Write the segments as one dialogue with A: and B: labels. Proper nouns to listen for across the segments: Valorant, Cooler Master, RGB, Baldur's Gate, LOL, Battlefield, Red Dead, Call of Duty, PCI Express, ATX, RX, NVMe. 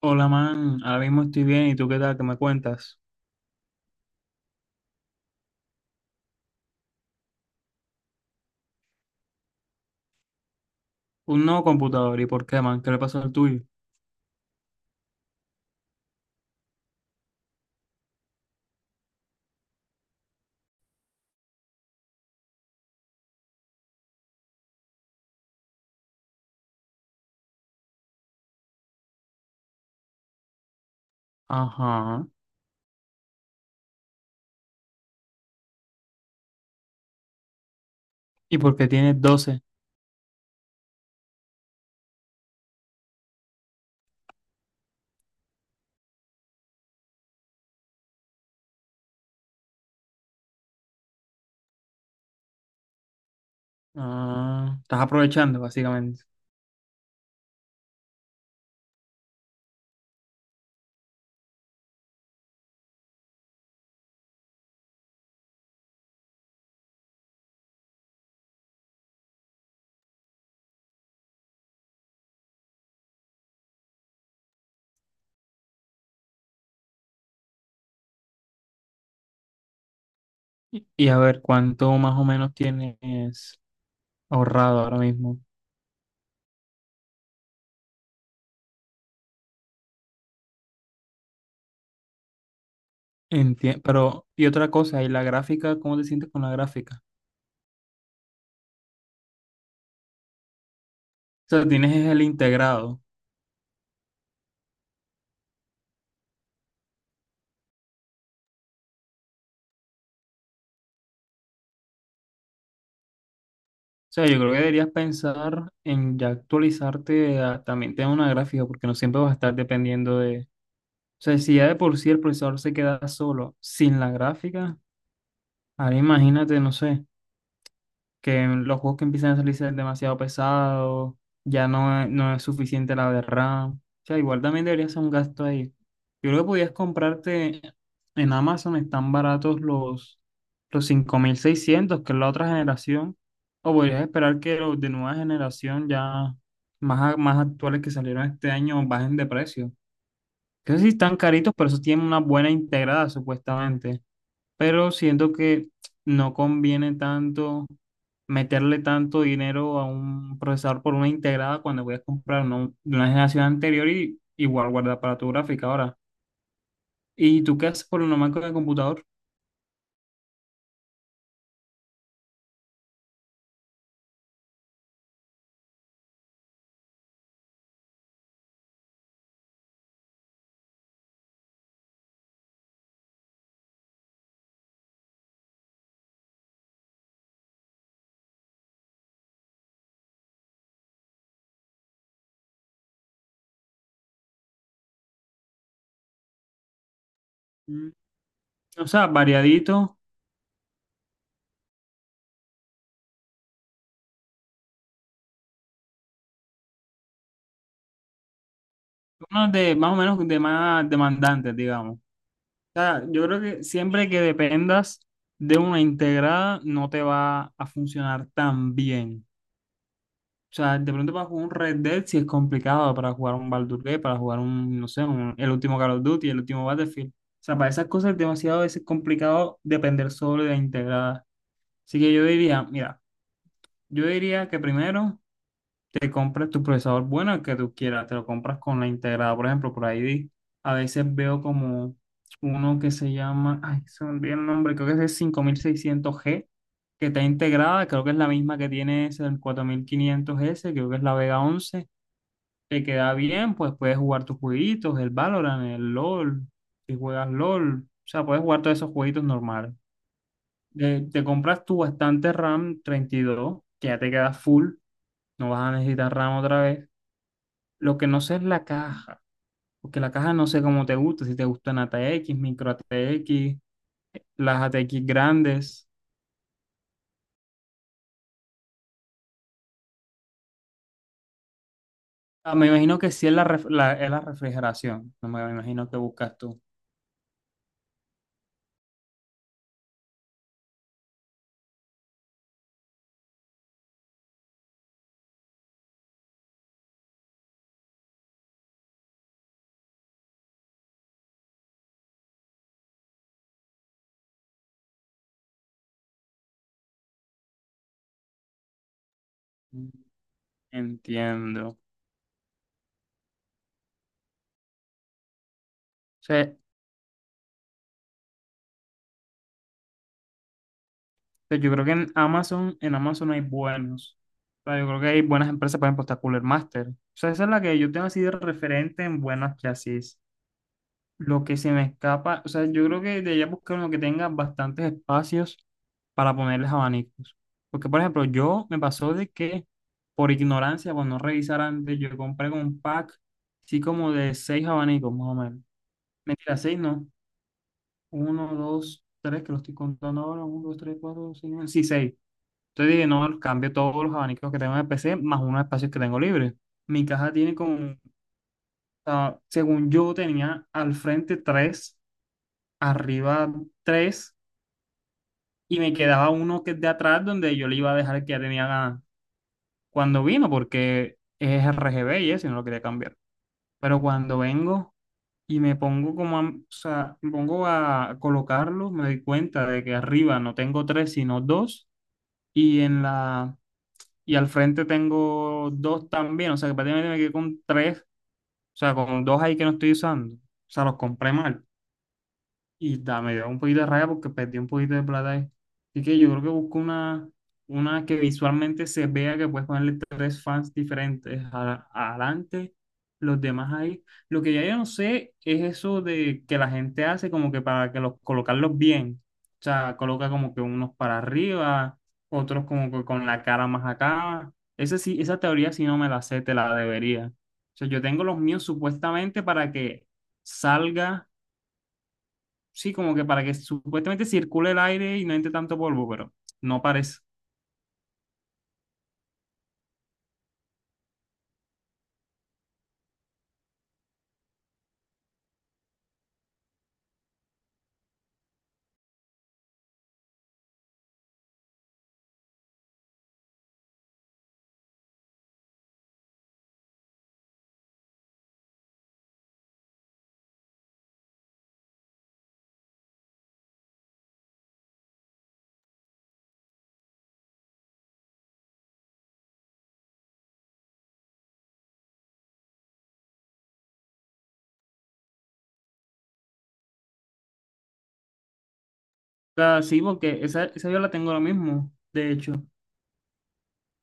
A: Hola, man. Ahora mismo estoy bien. ¿Y tú qué tal? ¿Qué me cuentas? Un nuevo computador. ¿Y por qué, man? ¿Qué le pasó al tuyo? Ajá. ¿Y por qué tienes doce? Ah, estás aprovechando, básicamente. Y a ver, ¿cuánto más o menos tienes ahorrado ahora mismo? Enti- Pero, y otra cosa, ¿y la gráfica? ¿Cómo te sientes con la gráfica? O sea, tienes es el integrado. O sea, yo creo que deberías pensar en ya actualizarte a también tener una gráfica, porque no siempre vas a estar dependiendo. O sea, si ya de por sí el procesador se queda solo sin la gráfica, ahora imagínate, no sé, que los juegos que empiezan a salir sean demasiado pesados, ya no es, no es suficiente la de RAM. O sea, igual también debería ser un gasto ahí. Yo creo que podías comprarte en Amazon, están baratos los 5600 que es la otra generación, o podrías esperar que los de nueva generación ya más, a- más actuales que salieron este año bajen de precio, que no sé si están caritos, pero esos tienen una buena integrada supuestamente. Pero siento que no conviene tanto meterle tanto dinero a un procesador por una integrada cuando voy a comprar uno de una generación anterior y igual guardar para tu gráfica ahora. ¿Y tú qué haces por una máquina de computador? Mm, O sea, variadito, uno de más o menos de más demandantes, digamos. O sea, yo creo que siempre que dependas de una integrada no te va a funcionar tan bien. O sea, de pronto para jugar un Red Dead sí es complicado, para jugar un Baldur's Gate, para jugar un, no sé, un- el último Call of Duty, el último Battlefield. O sea, para esas cosas es demasiado a veces complicado depender solo de la integrada. Así que yo diría, mira, yo diría que primero te compres tu procesador bueno, el que tú quieras, te lo compras con la integrada. Por ejemplo, por ahí vi- a veces veo como uno que se llama, ay, se me olvidó el nombre, creo que es el 5600 g, que está integrada, creo que es la misma que tiene ese, el 4500 s, creo que es la Vega 11. Te queda bien, pues puedes jugar tus jueguitos, el Valorant, el LOL, si juegas LOL, o sea, puedes jugar todos esos jueguitos normales. Te compras tu bastante RAM 32 que ya te queda full, no vas a necesitar RAM otra vez. Lo que no sé es la caja, porque la caja no sé cómo te gusta, si te gustan a ATX, micro a ATX, las a ATX grandes. Ah, me imagino que sí es la, ref- la- es la refrigeración, no me imagino que buscas tú. Entiendo. O sea, pero yo creo que en Amazon hay buenos. O sea, yo creo que hay buenas empresas, por ejemplo, está Cooler Master. O sea, esa es la que yo tengo así de referente en buenas chasis. Lo que se me escapa, o sea, yo creo que de allá buscar uno que tenga bastantes espacios para ponerles abanicos. Porque, por ejemplo, yo me pasó de que por ignorancia, por no revisar antes, yo compré con un pack, sí, como de seis abanicos, más o menos. Mentira, seis no. Uno, dos, tres, que lo estoy contando ahora. Uno, dos, tres, cuatro, cinco. Sí, seis. Entonces dije, no, cambio todos los abanicos que tengo en el PC más unos espacios que tengo libres. Mi caja tiene como, o sea, según yo tenía al frente tres, arriba tres, y me quedaba uno que es de atrás donde yo le iba a dejar el que ya tenía ganas cuando vino, porque es RGB y eso, y no lo quería cambiar. Pero cuando vengo y me pongo como a, o sea, me pongo a colocarlo, me doy cuenta de que arriba no tengo tres, sino dos, y en la y al frente tengo dos también, o sea que prácticamente me quedé con tres, o sea, con dos ahí que no estoy usando, o sea, los compré mal. Y da, me dio un poquito de rabia porque perdí un poquito de plata ahí. Así que yo creo que busco una que visualmente se vea que puedes ponerle tres fans diferentes a- adelante, los demás ahí. Lo que ya yo no sé es eso de que la gente hace como que para que los colocarlos bien. O sea, coloca como que unos para arriba, otros como que con la cara más acá. Esa sí, esa teoría si no me la sé, te la debería. O sea, yo tengo los míos supuestamente para que salga sí, como que para que supuestamente circule el aire y no entre tanto polvo, pero no parece. O sea, sí, porque esa yo la tengo lo mismo, de hecho.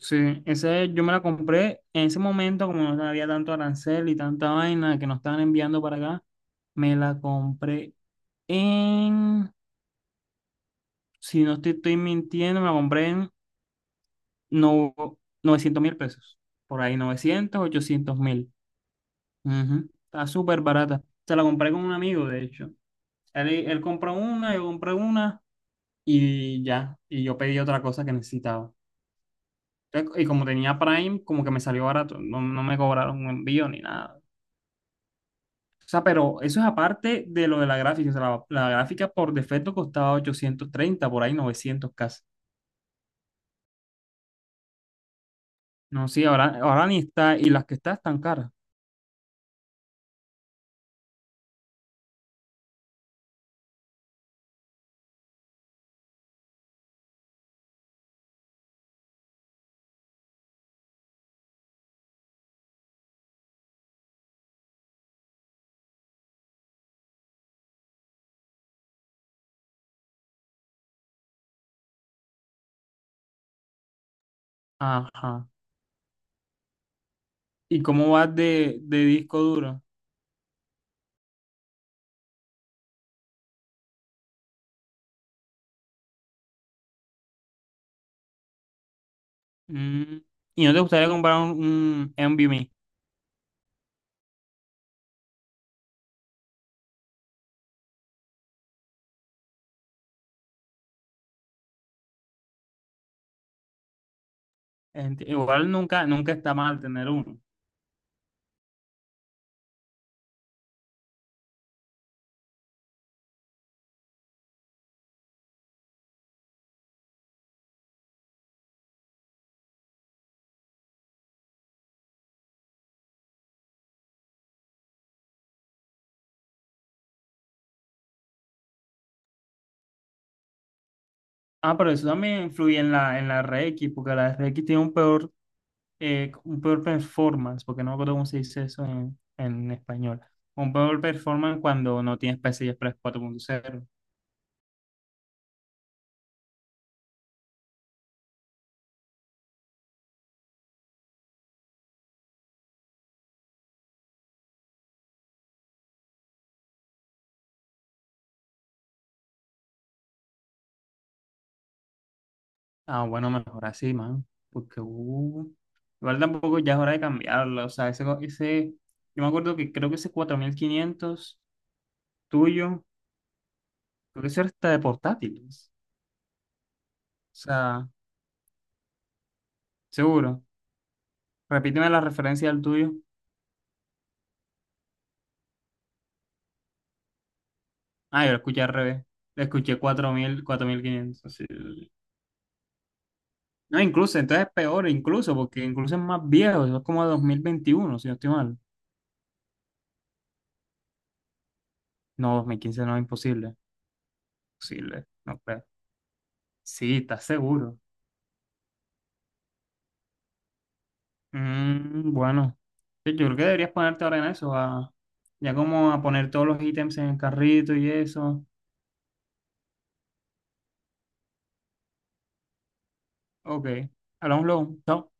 A: Sí, esa yo me la compré en ese momento, como no había tanto arancel y tanta vaina que nos estaban enviando para acá, me la compré en, si no estoy, estoy mintiendo, me la compré en no, 900.000 pesos. Por ahí 900, 800.000. Ujú, está súper barata. Se la compré con un amigo, de hecho. Él compró una, yo compré una y ya. Y yo pedí otra cosa que necesitaba. Entonces, y como tenía Prime, como que me salió barato. No, no me cobraron un envío ni nada. O sea, pero eso es aparte de lo de la gráfica. O sea, la gráfica por defecto costaba 830 por ahí 900 casi. No, sí, ahora, ahora ni está. Y las que está están caras. Ajá. ¿Y cómo vas de disco duro? Mm, ¿Y no te gustaría comprar un NVMe? Ent- Igual nunca, nunca está mal tener uno. Ah, pero eso también influye en la RX, porque la RX tiene un peor performance, porque no me acuerdo cómo se dice eso en español. Un peor performance cuando no tienes PCI Express 4.0. Ah, bueno, mejor así, man. Porque, igual tampoco ya es hora de cambiarlo. O sea, ese, yo me acuerdo que creo que ese 4500 tuyo, creo que eso era hasta de portátiles. O sea, seguro. Repíteme la referencia del tuyo. Ah, yo lo escuché al revés. Lo escuché 4.000, 4.500. Así, no, incluso, entonces es peor, incluso, porque incluso es más viejo, eso es como 2021 si no estoy mal. No, 2015 no es imposible. Posible, no creo. Sí, estás seguro. Bueno, sí, yo creo que deberías ponerte ahora en eso, a- ya como a poner todos los ítems en el carrito y eso. Ok, hablamos luego. Chao.